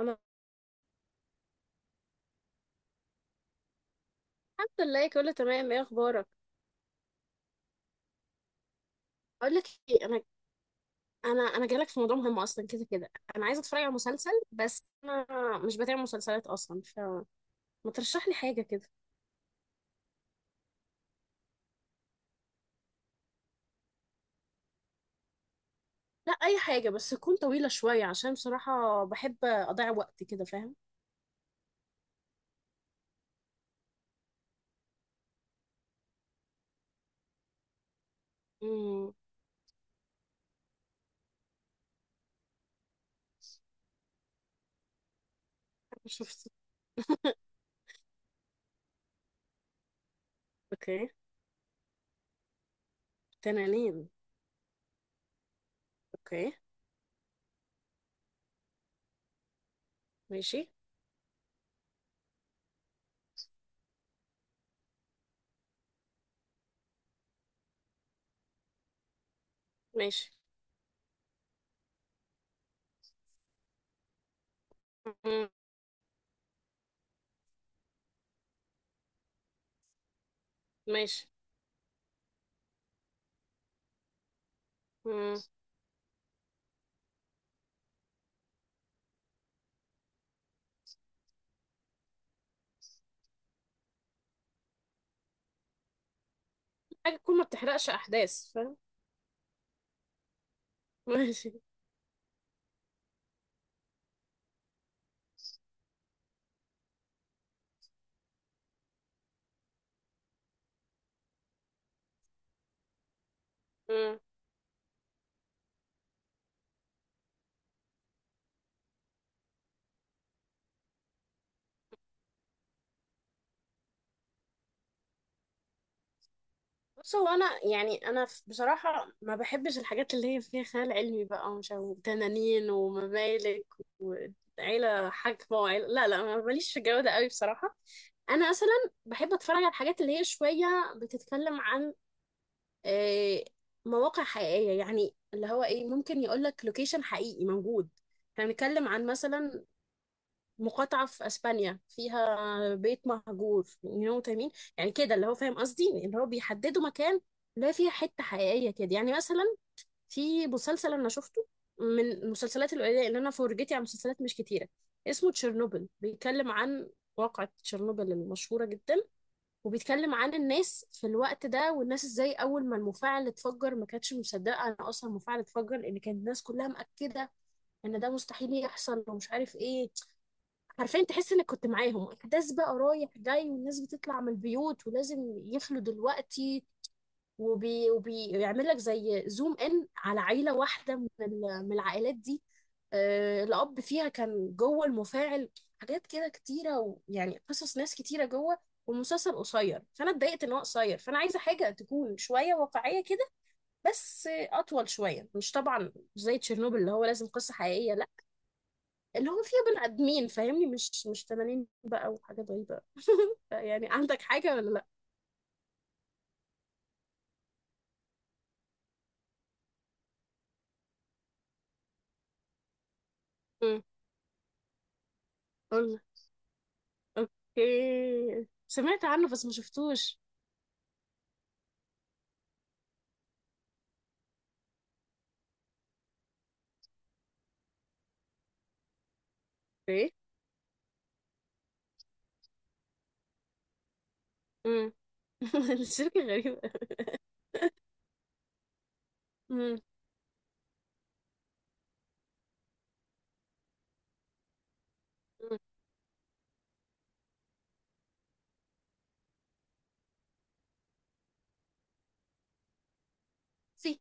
انا الحمد لله كله تمام، ايه اخبارك؟ اقول لك ايه. انا جالك في موضوع مهم. اصلا كده انا عايزه اتفرج على مسلسل، بس انا مش بتابع مسلسلات اصلا، فما ترشح لي حاجه كده. لا، اي حاجه، بس تكون طويله شويه، عشان بصراحه بحب اضيع وقت كده، فاهم؟ امم أنا شفت. اوكي. تنانين. اوكي. ماشي. ماشي. مم. ماشي. مم. حاجه تكون ما بتحرقش احداث، فاهم؟ ماشي. بص، هو انا يعني انا بصراحه ما بحبش الحاجات اللي هي فيها خيال علمي بقى، وتنانين وممالك وعيله حاكمه وعيله، لا لا، ما ماليش في الجو ده قوي بصراحه. انا مثلا بحب اتفرج على الحاجات اللي هي شويه بتتكلم عن آه، مواقع حقيقيه، يعني اللي هو ايه، ممكن يقول لك لوكيشن حقيقي موجود. احنا بنتكلم عن مثلا مقاطعة في اسبانيا فيها بيت مهجور يو تامين، يعني كده اللي هو، فاهم قصدي، اللي هو بيحددوا مكان لا فيها حتة حقيقية كده. يعني مثلا في مسلسل انا شفته، من المسلسلات القليلة ان انا فرجتي على مسلسلات مش كتيرة، اسمه تشيرنوبل. بيتكلم عن واقعة تشيرنوبل المشهورة جدا، وبيتكلم عن الناس في الوقت ده، والناس ازاي اول ما المفاعل اتفجر ما كانتش مصدقة انا اصلا المفاعل اتفجر، لان كانت الناس كلها مأكدة ان ده مستحيل يحصل ومش عارف ايه. حرفيا تحس انك كنت معاهم. احداث بقى رايح جاي، والناس بتطلع من البيوت ولازم يخلوا دلوقتي. وبيعمل لك زي زوم ان على عيله واحده من العائلات دي. الاب فيها كان جوه المفاعل. حاجات كده كتيره، ويعني قصص ناس كتيره جوه. والمسلسل قصير، فانا اتضايقت ان هو قصير، فانا عايزه حاجه تكون شويه واقعيه كده، بس اطول شويه. مش طبعا زي تشيرنوبل اللي هو لازم قصه حقيقيه، لا، اللي هو فيها بني ادمين، فاهمني، مش تنانين بقى وحاجات غريبه يعني عندك حاجه ولا لا؟ امم. قلنا. اوكي سمعت عنه بس ما شفتوش. ايه. امم. الشركه غريبه. امم. أمم. سي.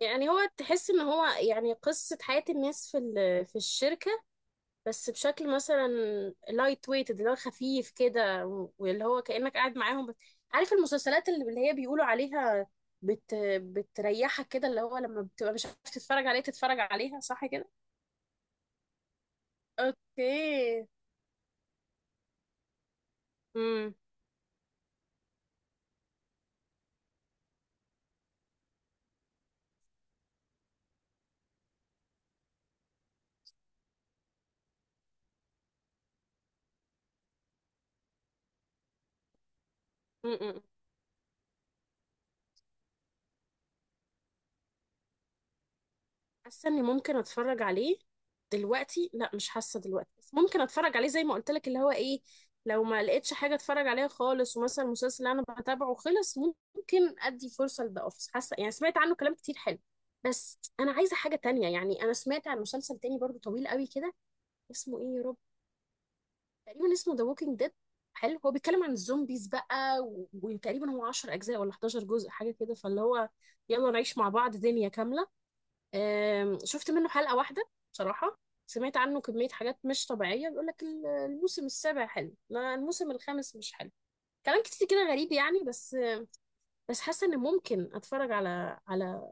يعني هو تحس ان هو يعني قصه حياه الناس في الشركه، بس بشكل مثلا لايت ويت، اللي هو خفيف كده، واللي هو كأنك قاعد معاهم عارف المسلسلات اللي هي بيقولوا عليها بت... بتريحك كده، اللي هو لما بتبقى مش عارف تتفرج عليه تتفرج عليها، صح كده؟ اوكي. امم. حاسه اني ممكن اتفرج عليه. دلوقتي لا، مش حاسه دلوقتي، بس ممكن اتفرج عليه زي ما قلت لك، اللي هو ايه، لو ما لقيتش حاجه اتفرج عليها خالص، ومثلا المسلسل اللي انا بتابعه خلص، ممكن ادي فرصه لده اوفيس. حاسه يعني سمعت عنه كلام كتير حلو، بس انا عايزه حاجه تانية. يعني انا سمعت عن مسلسل تاني برضو طويل قوي كده، اسمه ايه يا رب، تقريبا اسمه ذا ووكينج ديد. حلو. هو بيتكلم عن الزومبيز بقى وتقريبا هو 10 اجزاء ولا 11 جزء حاجه كده، فاللي هو يلا نعيش مع بعض دنيا كامله. آم، شفت منه حلقة واحدة بصراحة. سمعت عنه كمية حاجات مش طبيعية. بيقول لك الموسم السابع حلو، لا الموسم الخامس مش حلو، كلام كتير كده غريب يعني. بس بس حاسة ان ممكن اتفرج على على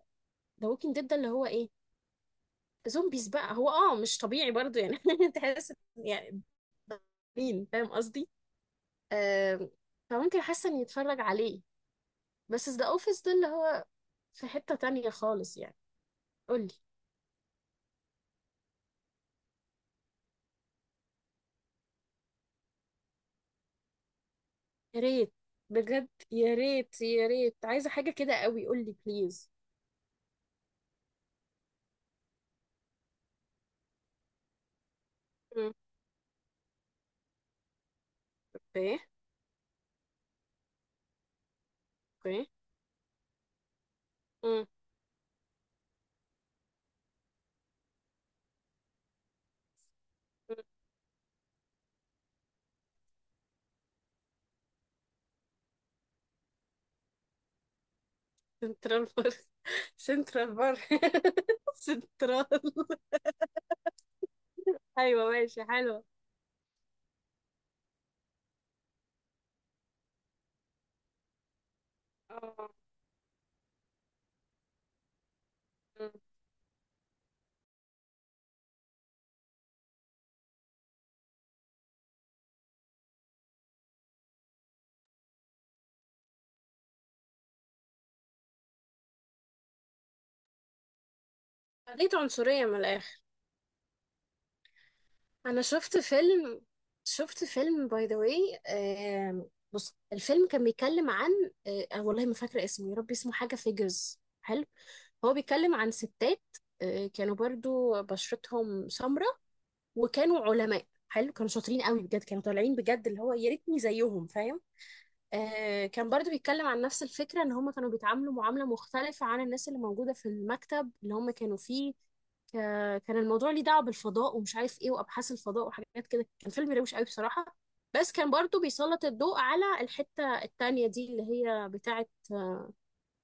ذا ووكينج ديد ده، اللي هو ايه، زومبيز بقى. هو اه مش طبيعي برضو يعني تحس يعني، مين فاهم قصدي. آم، فممكن حاسة اني اتفرج عليه. بس ذا اوفيس ده اللي هو في حتة تانية خالص يعني. قولي. يا ريت. بجد يا ريت، يا ريت، عايزة حاجة كده قوي، قول لي بليز. مم. ايه. ايه. مم. مم. سنترال بارك. سنترال بارك. سنترال. ايوه ماشي، حلوة. اه. مم. خليت عنصرية من الآخر. أنا شفت فيلم. شفت فيلم باي ذا واي. بص الفيلم كان بيتكلم عن والله ما فاكرة اسمه يا ربي، اسمه حاجة فيجرز. حلو، هو بيتكلم عن ستات آه كانوا برضو بشرتهم سمراء، وكانوا علماء. حلو، كانوا شاطرين قوي بجد، كانوا طالعين بجد اللي هو يا ريتني زيهم، فاهم؟ آه كان برضو بيتكلم عن نفس الفكرة، ان هم كانوا بيتعاملوا معاملة مختلفة عن الناس اللي موجودة في المكتب اللي هم كانوا فيه. ك- كان الموضوع ليه دعوة بالفضاء ومش عارف ايه، وابحاث الفضاء وحاجات كده. كان فيلم روش قوي بصراحة، بس كان برضو بيسلط الضوء على الحتة التانية دي، اللي هي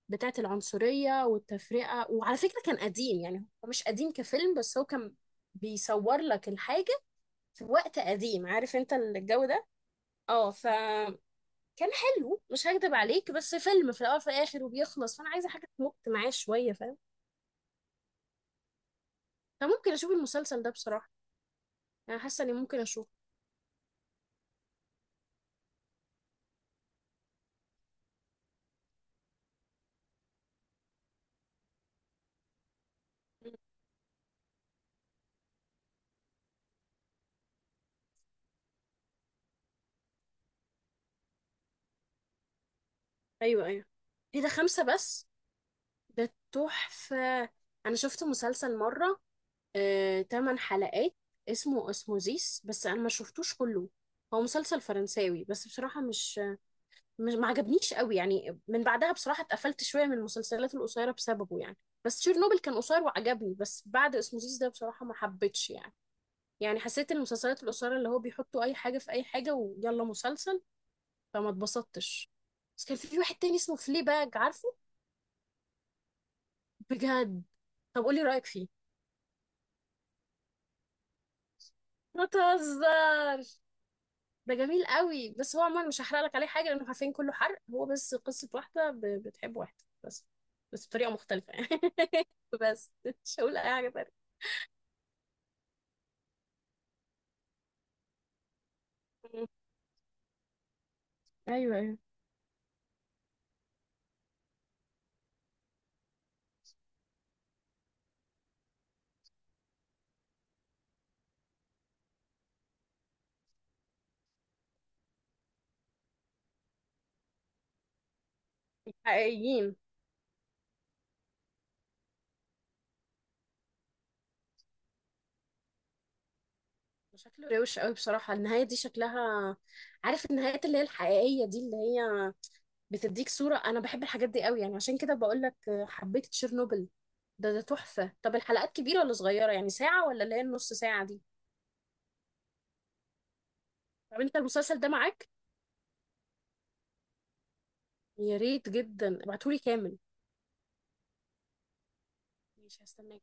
بتاعة العنصرية والتفرقة. وعلى فكرة كان قديم، يعني هو مش قديم كفيلم، بس هو كان بيصور لك الحاجة في وقت قديم، عارف انت الجو ده. اه فكان حلو، مش هكدب عليك، بس فيلم، في الاول في الاخر وبيخلص، فانا عايزه حاجه تمط معاه شويه، فاهم؟ فممكن اشوف المسلسل ده بصراحه. انا حاسه اني ممكن اشوفه. ايوه ايوه. ايه ده خمسه بس؟ ده تحفه. انا شفت مسلسل مره تمن حلقات اسمه اسموزيس، بس انا ما شفتوش كله. هو مسلسل فرنساوي، بس بصراحه مش ما عجبنيش قوي يعني. من بعدها بصراحة اتقفلت شوية من المسلسلات القصيرة بسببه يعني. بس تشيرنوبل كان قصير وعجبني، بس بعد اسموزيس ده بصراحة ما حبيتش يعني، يعني حسيت المسلسلات القصيرة اللي هو بيحطوا أي حاجة في أي حاجة ويلا مسلسل، فما اتبسطتش. بس كان في واحد تاني اسمه فليباج، عارفه؟ بجد؟ طب قولي رأيك فيه. ما تهزرش، ده جميل قوي، بس هو عموما مش هحرق لك عليه حاجه لانه عارفين كله حرق. هو بس قصه واحده بتحب واحد، بس بس بطريقه مختلفه يعني بس مش هقول اي حاجه تانية. مم. ايوه ايوه. حقيقيين. شكله روش قوي بصراحه النهايه دي شكلها. عارف النهايات اللي هي الحقيقيه دي، اللي هي بتديك صوره، انا بحب الحاجات دي قوي، يعني عشان كده بقول لك حبيت تشيرنوبل. ده تحفه. طب الحلقات كبيره ولا صغيره؟ يعني ساعه ولا اللي هي النص ساعه دي؟ طب انت المسلسل ده معاك؟ يا ريت جدا، ابعتهولي كامل. ماشي، هستناك.